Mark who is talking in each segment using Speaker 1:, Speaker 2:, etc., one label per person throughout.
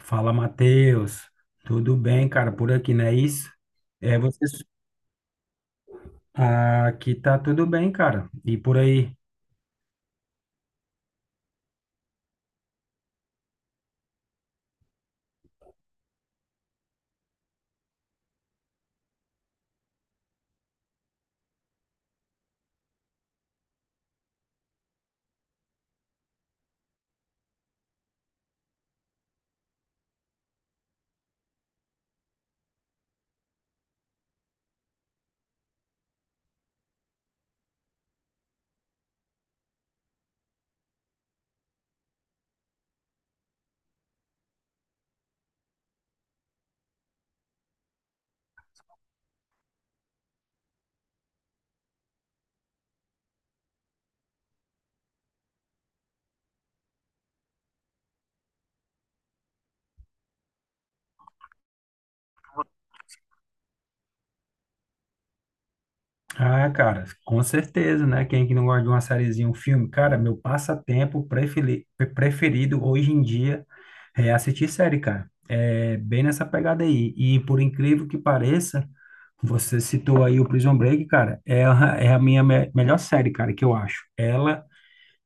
Speaker 1: Fala, Matheus. Tudo bem, cara? Por aqui, não é isso? É, vocês... Ah, aqui tá tudo bem, cara. E por aí? Ah, cara, com certeza, né? Quem é que não gosta de uma sériezinha, um filme? Cara, meu passatempo preferido hoje em dia é assistir série, cara. É bem nessa pegada aí. E por incrível que pareça, você citou aí o Prison Break, cara. Ela é a minha melhor série, cara, que eu acho. Ela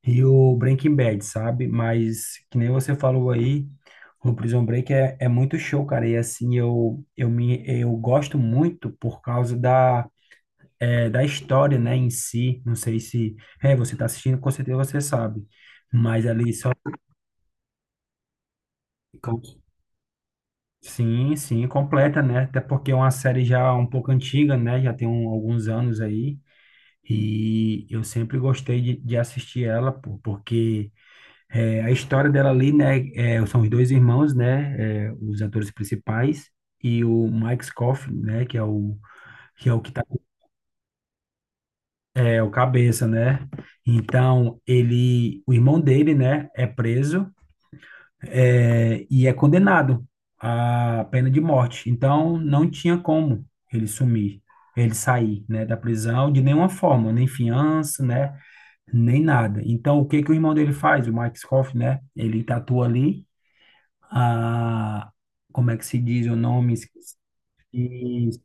Speaker 1: e o Breaking Bad, sabe? Mas, que nem você falou aí, o Prison Break é muito show, cara. E assim, eu gosto muito por causa da, da história, né, em si. Não sei se... É, você tá assistindo, com certeza você sabe. Mas ali só... Sim, sim, completa, né? Até porque é uma série já um pouco antiga, né? Já tem alguns anos aí. E eu sempre gostei de assistir ela, pô, porque... É, a história dela ali, né, é, são os dois irmãos, né, é, os atores principais e o Mike Scofield, né, que é o que é o que tá, é o cabeça, né? Então, ele, o irmão dele, né, é preso e é condenado à pena de morte. Então, não tinha como ele sumir, ele sair, né, da prisão de nenhuma forma, nem fiança, né, nem nada. Então, o que que o irmão dele faz? O Mike Scofield, né, ele tatua ali a, como é que se diz o nome? Esqueci, esqueci.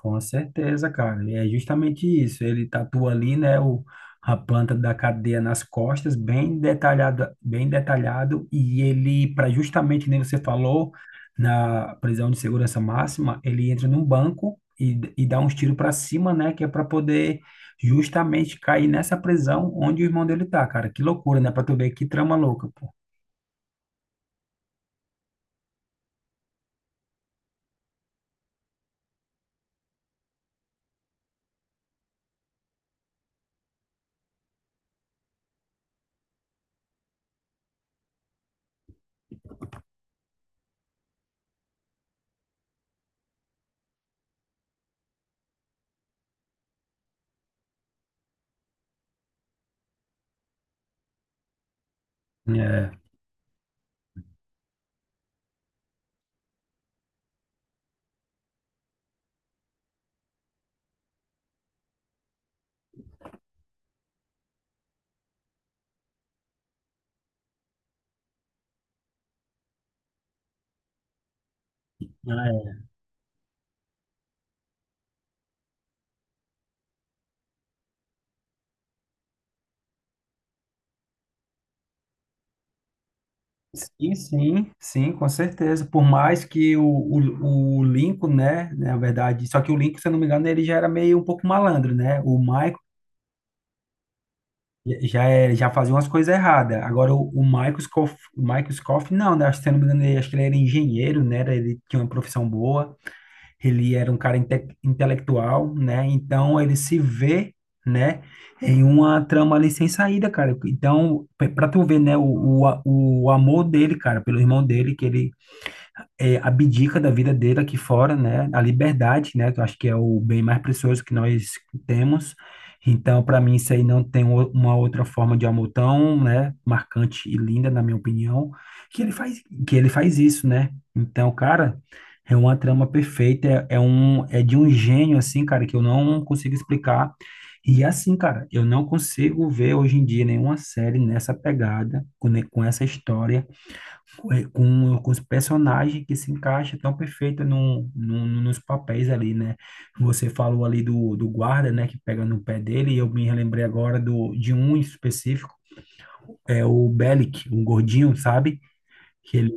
Speaker 1: Com certeza, cara. E É justamente isso. Ele tatua ali, né, o, a planta da cadeia nas costas, bem detalhado, bem detalhado. E ele, para justamente, nem você falou, na prisão de segurança máxima, ele entra num banco e dá uns tiros para cima, né, que é para poder justamente cair nessa prisão onde o irmão dele tá, cara. Que loucura, né? Para tu ver que trama louca, pô. É. Sim, sim, sim, com certeza. Por mais que o Lincoln, né, na verdade, só que o Lincoln, se eu não me engano, ele já era meio um pouco malandro, né? O Michael já, já fazia umas coisas erradas. Agora, o Michael Scofield, o Michael Scofield, não, né? Acho que, se eu não me engano, ele, acho que ele era engenheiro, né? Ele tinha uma profissão boa, ele era um cara intelectual, né? Então, ele se vê, né, em uma trama ali sem saída, cara. Então, pra tu ver, né, o amor dele, cara, pelo irmão dele, que ele abdica da vida dele aqui fora, né? A liberdade, né? Que eu acho que é o bem mais precioso que nós temos. Então, para mim, isso aí não tem uma outra forma de amor tão, né, marcante e linda, na minha opinião, que ele faz, que ele faz isso, né? Então, cara, é uma trama perfeita, é de um gênio assim, cara, que eu não consigo explicar. E assim, cara, eu não consigo ver hoje em dia nenhuma série nessa pegada, com essa história com os personagens que se encaixa tão perfeito nos papéis ali, né? Você falou ali do, do guarda, né, que pega no pé dele, e eu me relembrei agora do, de um em específico, é o Bellic, um gordinho, sabe? Que ele,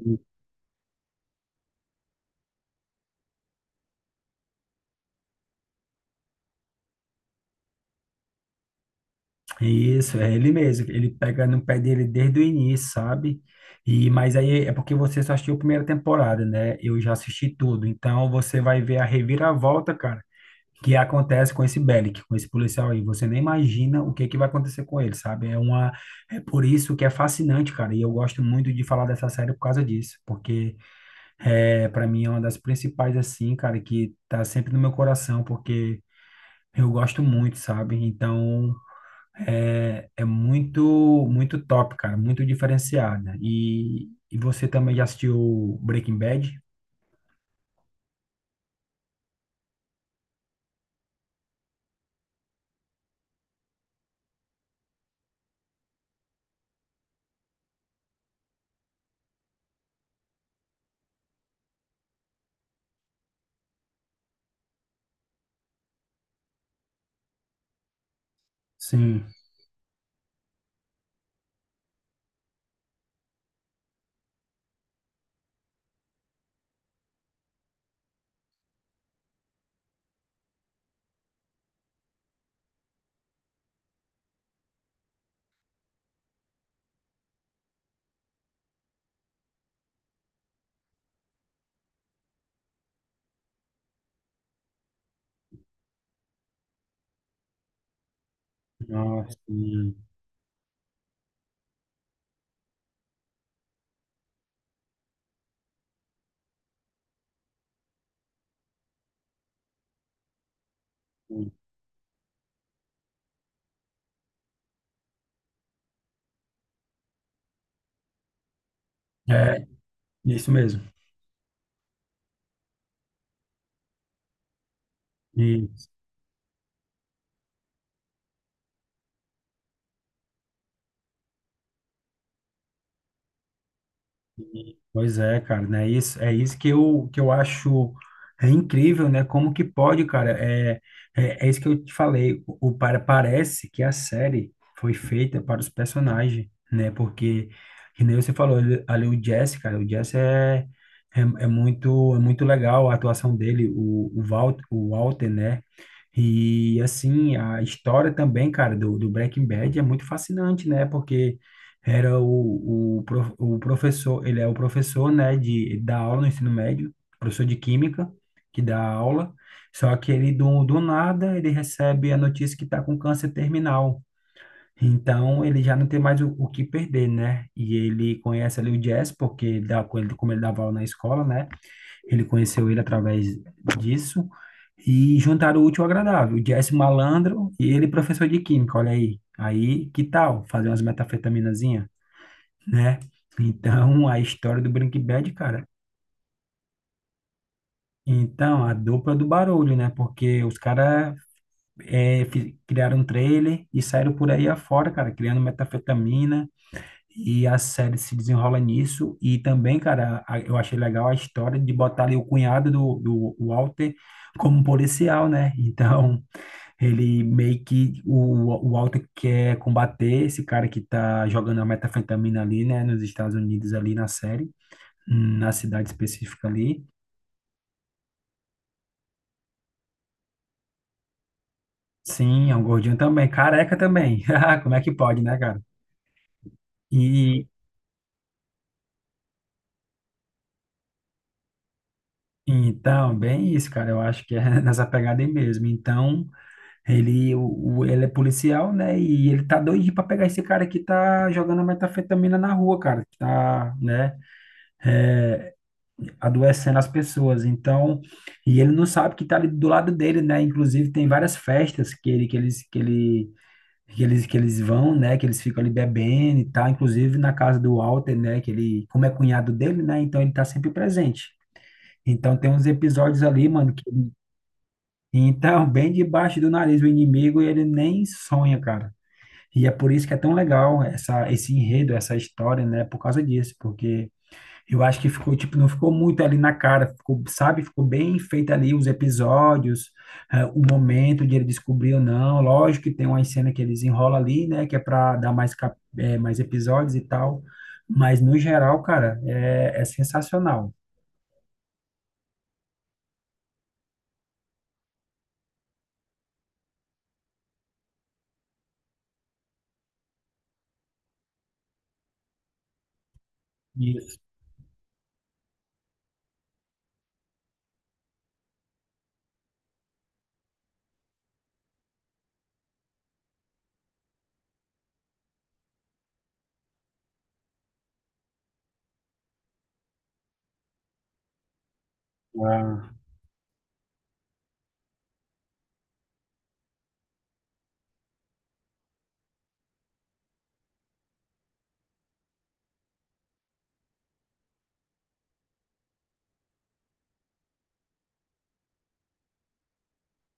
Speaker 1: isso, é ele mesmo, ele pega no pé dele desde o início, sabe? E, mas aí é porque você só assistiu a primeira temporada, né? Eu já assisti tudo, então você vai ver a reviravolta, cara, que acontece com esse Bellic, com esse policial aí. Você nem imagina o que que vai acontecer com ele, sabe? É por isso que é fascinante, cara. E eu gosto muito de falar dessa série por causa disso, porque é, para mim é uma das principais assim, cara, que tá sempre no meu coração, porque eu gosto muito, sabe? Então é, é muito, muito top, cara, muito diferenciada. E você também já assistiu Breaking Bad? Sim. Nossa, sim. É isso mesmo. Isso. Pois é, cara, né? Isso, é isso que eu acho é incrível, né? Como que pode, cara? É, é, é isso que eu te falei. Parece que a série foi feita para os personagens, né? Porque, que nem você falou, ali o Jesse, cara, o Jesse é muito legal a atuação dele, Walt, o Walter, né? E, assim, a história também, cara, do, do Breaking Bad é muito fascinante, né? Porque era o professor, ele é o professor, né, de da aula no ensino médio, professor de química, que dá aula, só que ele do nada ele recebe a notícia que está com câncer terminal. Então ele já não tem mais o que perder, né? E ele conhece ali o Jess, porque ele dá, com ele- como ele dava aula na escola, né? Ele conheceu ele através disso e juntaram o útil ao agradável. O Jess malandro e ele professor de química, olha aí. Aí, que tal fazer umas metafetaminazinhas, né? Então, a história do Breaking Bad, cara. Então, a dupla do barulho, né? Porque os caras criaram um trailer e saíram por aí afora, cara, criando metafetamina. E a série se desenrola nisso. E também, cara, eu achei legal a história de botar ali o cunhado do, do Walter como um policial, né? Então, ele meio que. O Walter quer combater esse cara que tá jogando a metafetamina ali, né? Nos Estados Unidos, ali na série, na cidade específica ali. Sim, é um gordinho também, careca também. Ah, como é que pode, né, cara? E então, bem isso, cara. Eu acho que é nessa pegada aí mesmo. Então, ele é policial, né? E ele tá doidinho pra pegar esse cara que tá jogando metanfetamina na rua, cara, que tá, né, adoecendo as pessoas. Então, e ele não sabe que tá ali do lado dele, né? Inclusive, tem várias festas que eles vão, né? Que eles ficam ali bebendo e tal, inclusive na casa do Walter, né? Que ele, como é cunhado dele, né? Então ele tá sempre presente. Então tem uns episódios ali, mano, que ele- então, bem debaixo do nariz do inimigo, ele nem sonha, cara. E é por isso que é tão legal esse enredo, essa história, né? Por causa disso, porque eu acho que ficou, tipo, não ficou muito ali na cara, ficou, sabe? Ficou bem feito ali os episódios, o momento de ele descobrir ou não. Lógico que tem uma cena que eles enrolam ali, né? Que é para dar mais, mais episódios e tal. Mas, no geral, cara, é, é sensacional. Isso. Ah,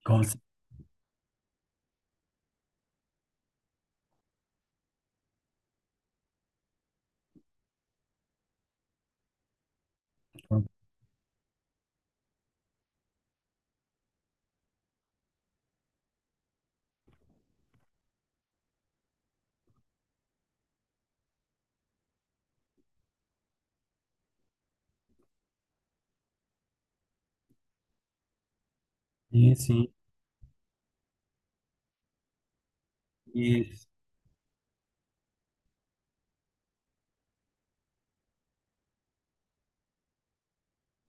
Speaker 1: com certeza. Sim, sim. Isso.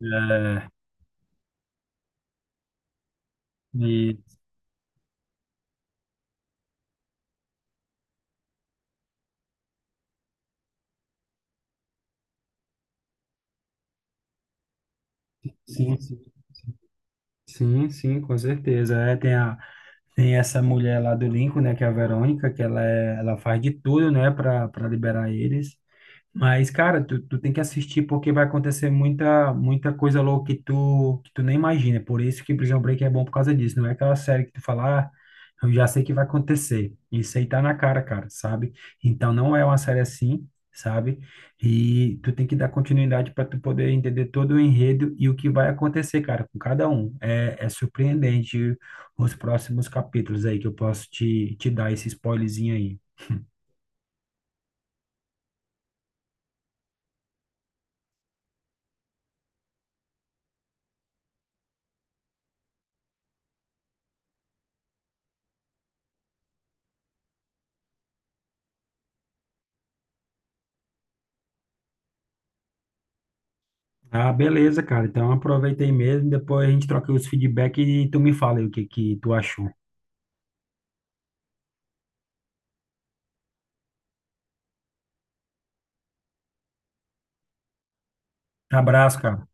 Speaker 1: É, e, sim, sim. Sim, sim, com certeza. Tem essa mulher lá do Lincoln, né, que é a Verônica, que ela, é, ela faz de tudo, né, para liberar eles. Mas, cara, tu, tu tem que assistir porque vai acontecer muita, muita coisa louca que tu nem imagina. Por isso que Prison Break é bom por causa disso. Não é aquela série que tu fala, ah, eu já sei que vai acontecer. Isso aí tá na cara, cara, sabe? Então não é uma série assim, sabe? E tu tem que dar continuidade para tu poder entender todo o enredo e o que vai acontecer, cara, com cada um. É é surpreendente os próximos capítulos aí que eu posso te dar esse spoilerzinho aí. Ah, beleza, cara. Então aproveita aí mesmo. Depois a gente troca os feedback e tu me fala aí o que que tu achou. Abraço, cara.